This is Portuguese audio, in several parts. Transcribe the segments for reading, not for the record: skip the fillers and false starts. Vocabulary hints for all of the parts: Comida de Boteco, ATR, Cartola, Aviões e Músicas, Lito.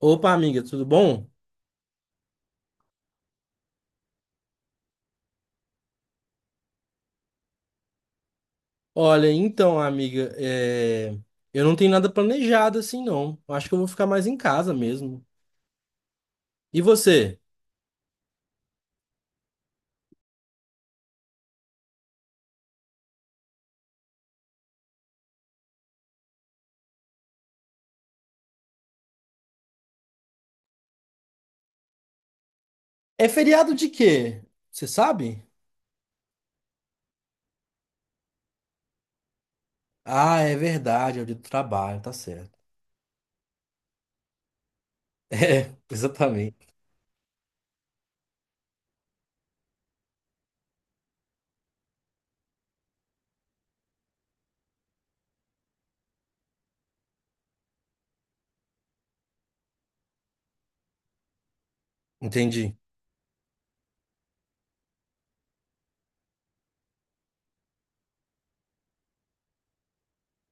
Opa, amiga, tudo bom? Olha, então, amiga, eu não tenho nada planejado assim, não. Eu acho que eu vou ficar mais em casa mesmo. E você? É feriado de quê? Você sabe? Ah, é verdade, é o dia do trabalho, tá certo. É, exatamente. Entendi.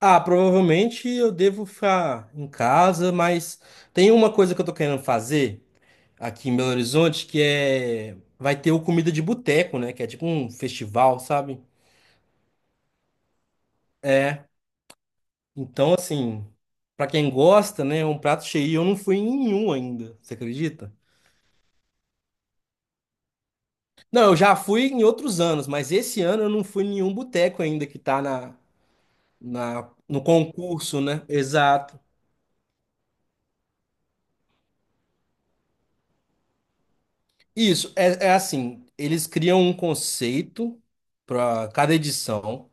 Ah, provavelmente eu devo ficar em casa, mas tem uma coisa que eu tô querendo fazer aqui em Belo Horizonte que é. Vai ter o Comida de Boteco, né? Que é tipo um festival, sabe? É. Então, assim, pra quem gosta, né, é um prato cheio. E eu não fui em nenhum ainda, você acredita? Não, eu já fui em outros anos, mas esse ano eu não fui em nenhum boteco ainda que tá no concurso, né? Exato. Isso, é assim, eles criam um conceito para cada edição,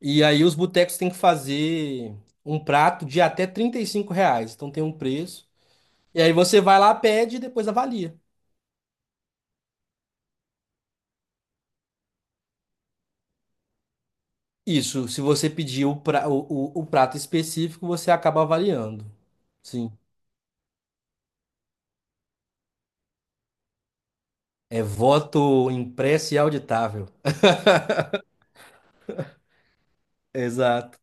e aí os botecos têm que fazer um prato de até R$ 35, então tem um preço. E aí você vai lá, pede e depois avalia. Isso, se você pedir o prato específico, você acaba avaliando. Sim. É voto impresso e auditável. Exato.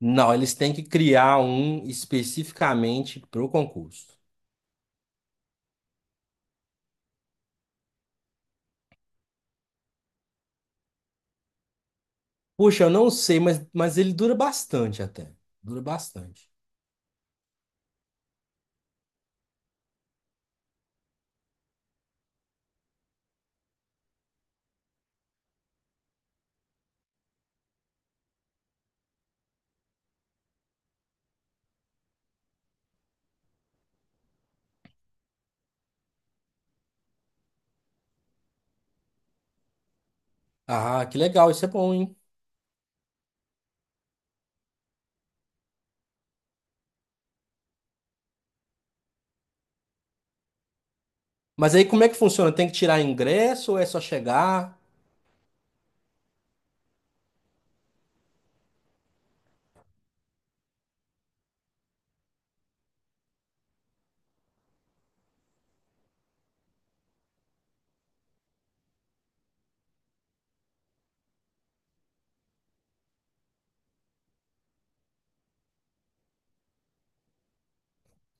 Não, eles têm que criar um especificamente para o concurso. Puxa, eu não sei, mas ele dura bastante até. Dura bastante. Ah, que legal, isso é bom, hein? Mas aí como é que funciona? Tem que tirar ingresso ou é só chegar?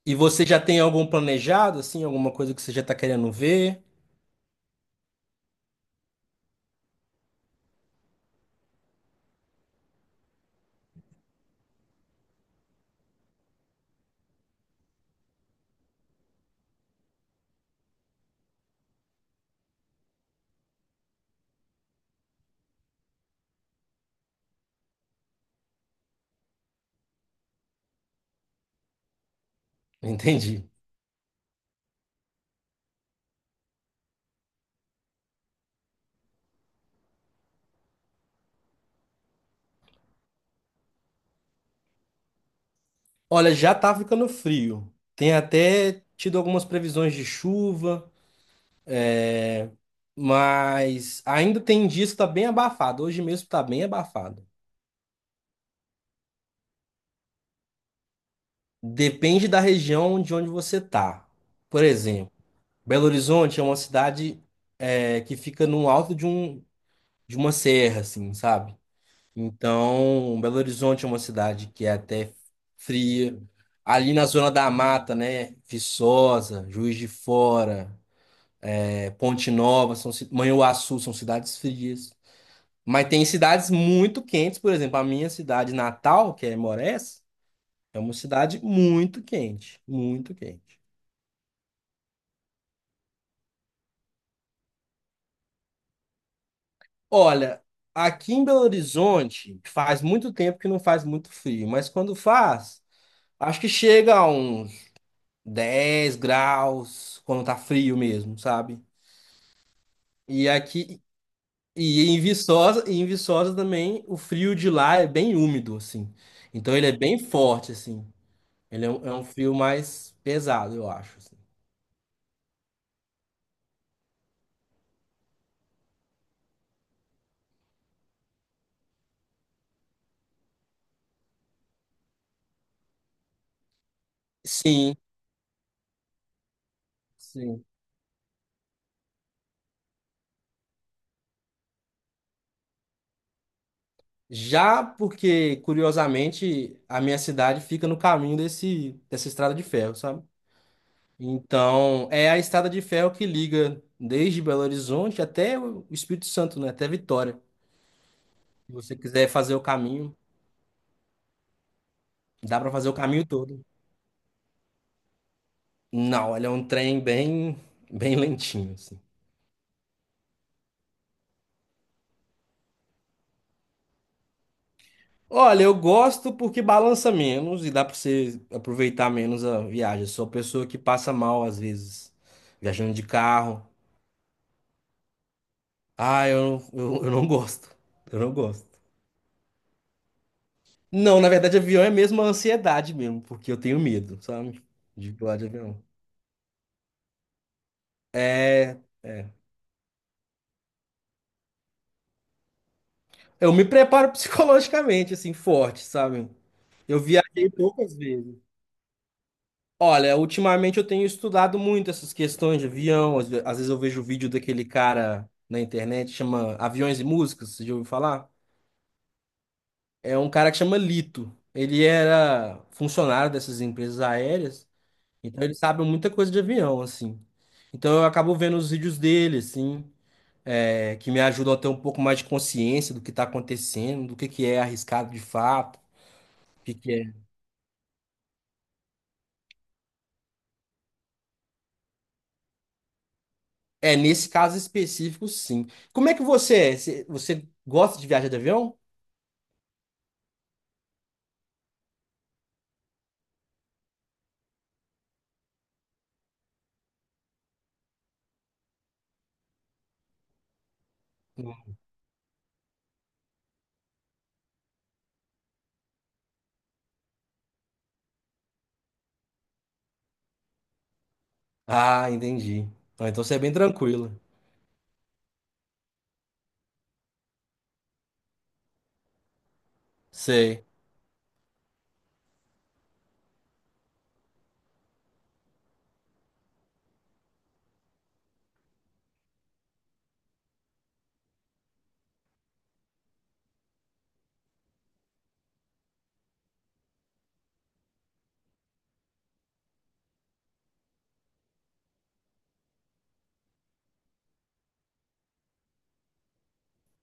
E você já tem algum planejado, assim, alguma coisa que você já está querendo ver? Entendi. Olha, já tá ficando frio. Tem até tido algumas previsões de chuva, mas ainda tem dias que tá bem abafado. Hoje mesmo tá bem abafado. Depende da região de onde você tá. Por exemplo, Belo Horizonte é uma cidade que fica no alto de uma serra, assim, sabe? Então, Belo Horizonte é uma cidade que é até fria. Ali na zona da mata, né? Viçosa, Juiz de Fora. É Ponte Nova, são, Manhuaçu, são cidades frias. Mas tem cidades muito quentes, por exemplo, a minha cidade natal, que é Morés, é uma cidade muito quente, muito quente. Olha, aqui em Belo Horizonte faz muito tempo que não faz muito frio, mas quando faz, acho que chega a uns 10 graus quando tá frio mesmo, sabe? E aqui e em Viçosa também o frio de lá é bem úmido assim. Então ele é bem forte assim. Ele é um, frio mais pesado, eu acho, assim. Sim, sim. Já porque, curiosamente, a minha cidade fica no caminho dessa estrada de ferro, sabe? Então, é a estrada de ferro que liga desde Belo Horizonte até o Espírito Santo, né? Até Vitória. Se você quiser fazer o caminho, dá para fazer o caminho todo. Não, ele é um trem bem lentinho, assim. Olha, eu gosto porque balança menos e dá pra você aproveitar menos a viagem. Sou a pessoa que passa mal às vezes, viajando de carro. Ah, eu não gosto. Eu não gosto. Não, na verdade, avião é mesmo a ansiedade mesmo, porque eu tenho medo, sabe? De voar de avião. É, é. Eu me preparo psicologicamente, assim, forte, sabe? Eu viajei poucas vezes. Olha, ultimamente eu tenho estudado muito essas questões de avião. Às vezes eu vejo vídeo daquele cara na internet, chama Aviões e Músicas, você já ouviu falar? É um cara que chama Lito. Ele era funcionário dessas empresas aéreas, então ele sabe muita coisa de avião, assim. Então eu acabo vendo os vídeos dele, assim, que me ajudam a ter um pouco mais de consciência do que está acontecendo, do que é arriscado de fato, o que que é. É, nesse caso específico, sim. Como é que você é? Você gosta de viajar de avião? Ah, entendi. Ah, então você é bem tranquilo. Sei.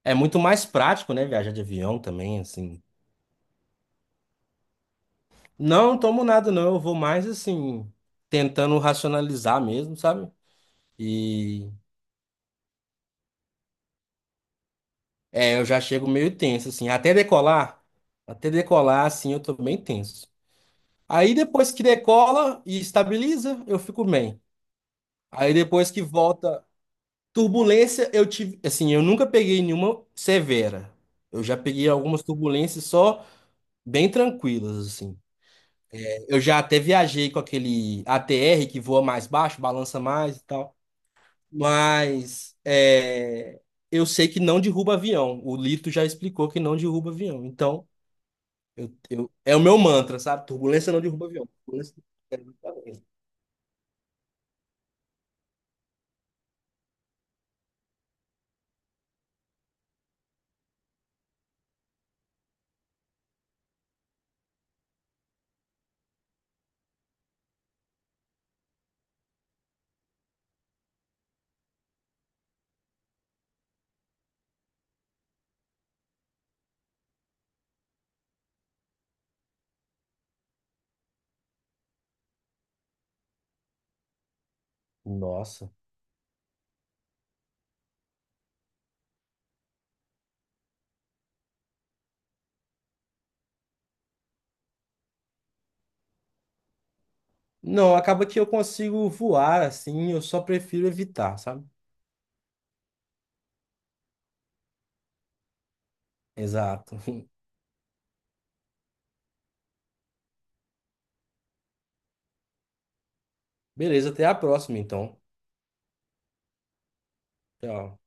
É muito mais prático, né? Viajar de avião também, assim. Não tomo nada, não. Eu vou mais, assim, tentando racionalizar mesmo, sabe? E eu já chego meio tenso, assim. Até decolar, assim, eu tô bem tenso. Aí depois que decola e estabiliza, eu fico bem. Aí depois que volta turbulência, eu tive, assim, eu nunca peguei nenhuma severa. Eu já peguei algumas turbulências só, bem tranquilas, assim. Eu já até viajei com aquele ATR que voa mais baixo, balança mais e tal, mas eu sei que não derruba avião. O Lito já explicou que não derruba avião. Então, é o meu mantra, sabe? Turbulência não derruba avião. Turbulência não derruba avião. Nossa. Não, acaba que eu consigo voar assim, eu só prefiro evitar, sabe? Exato. Beleza, até a próxima, então. Tchau.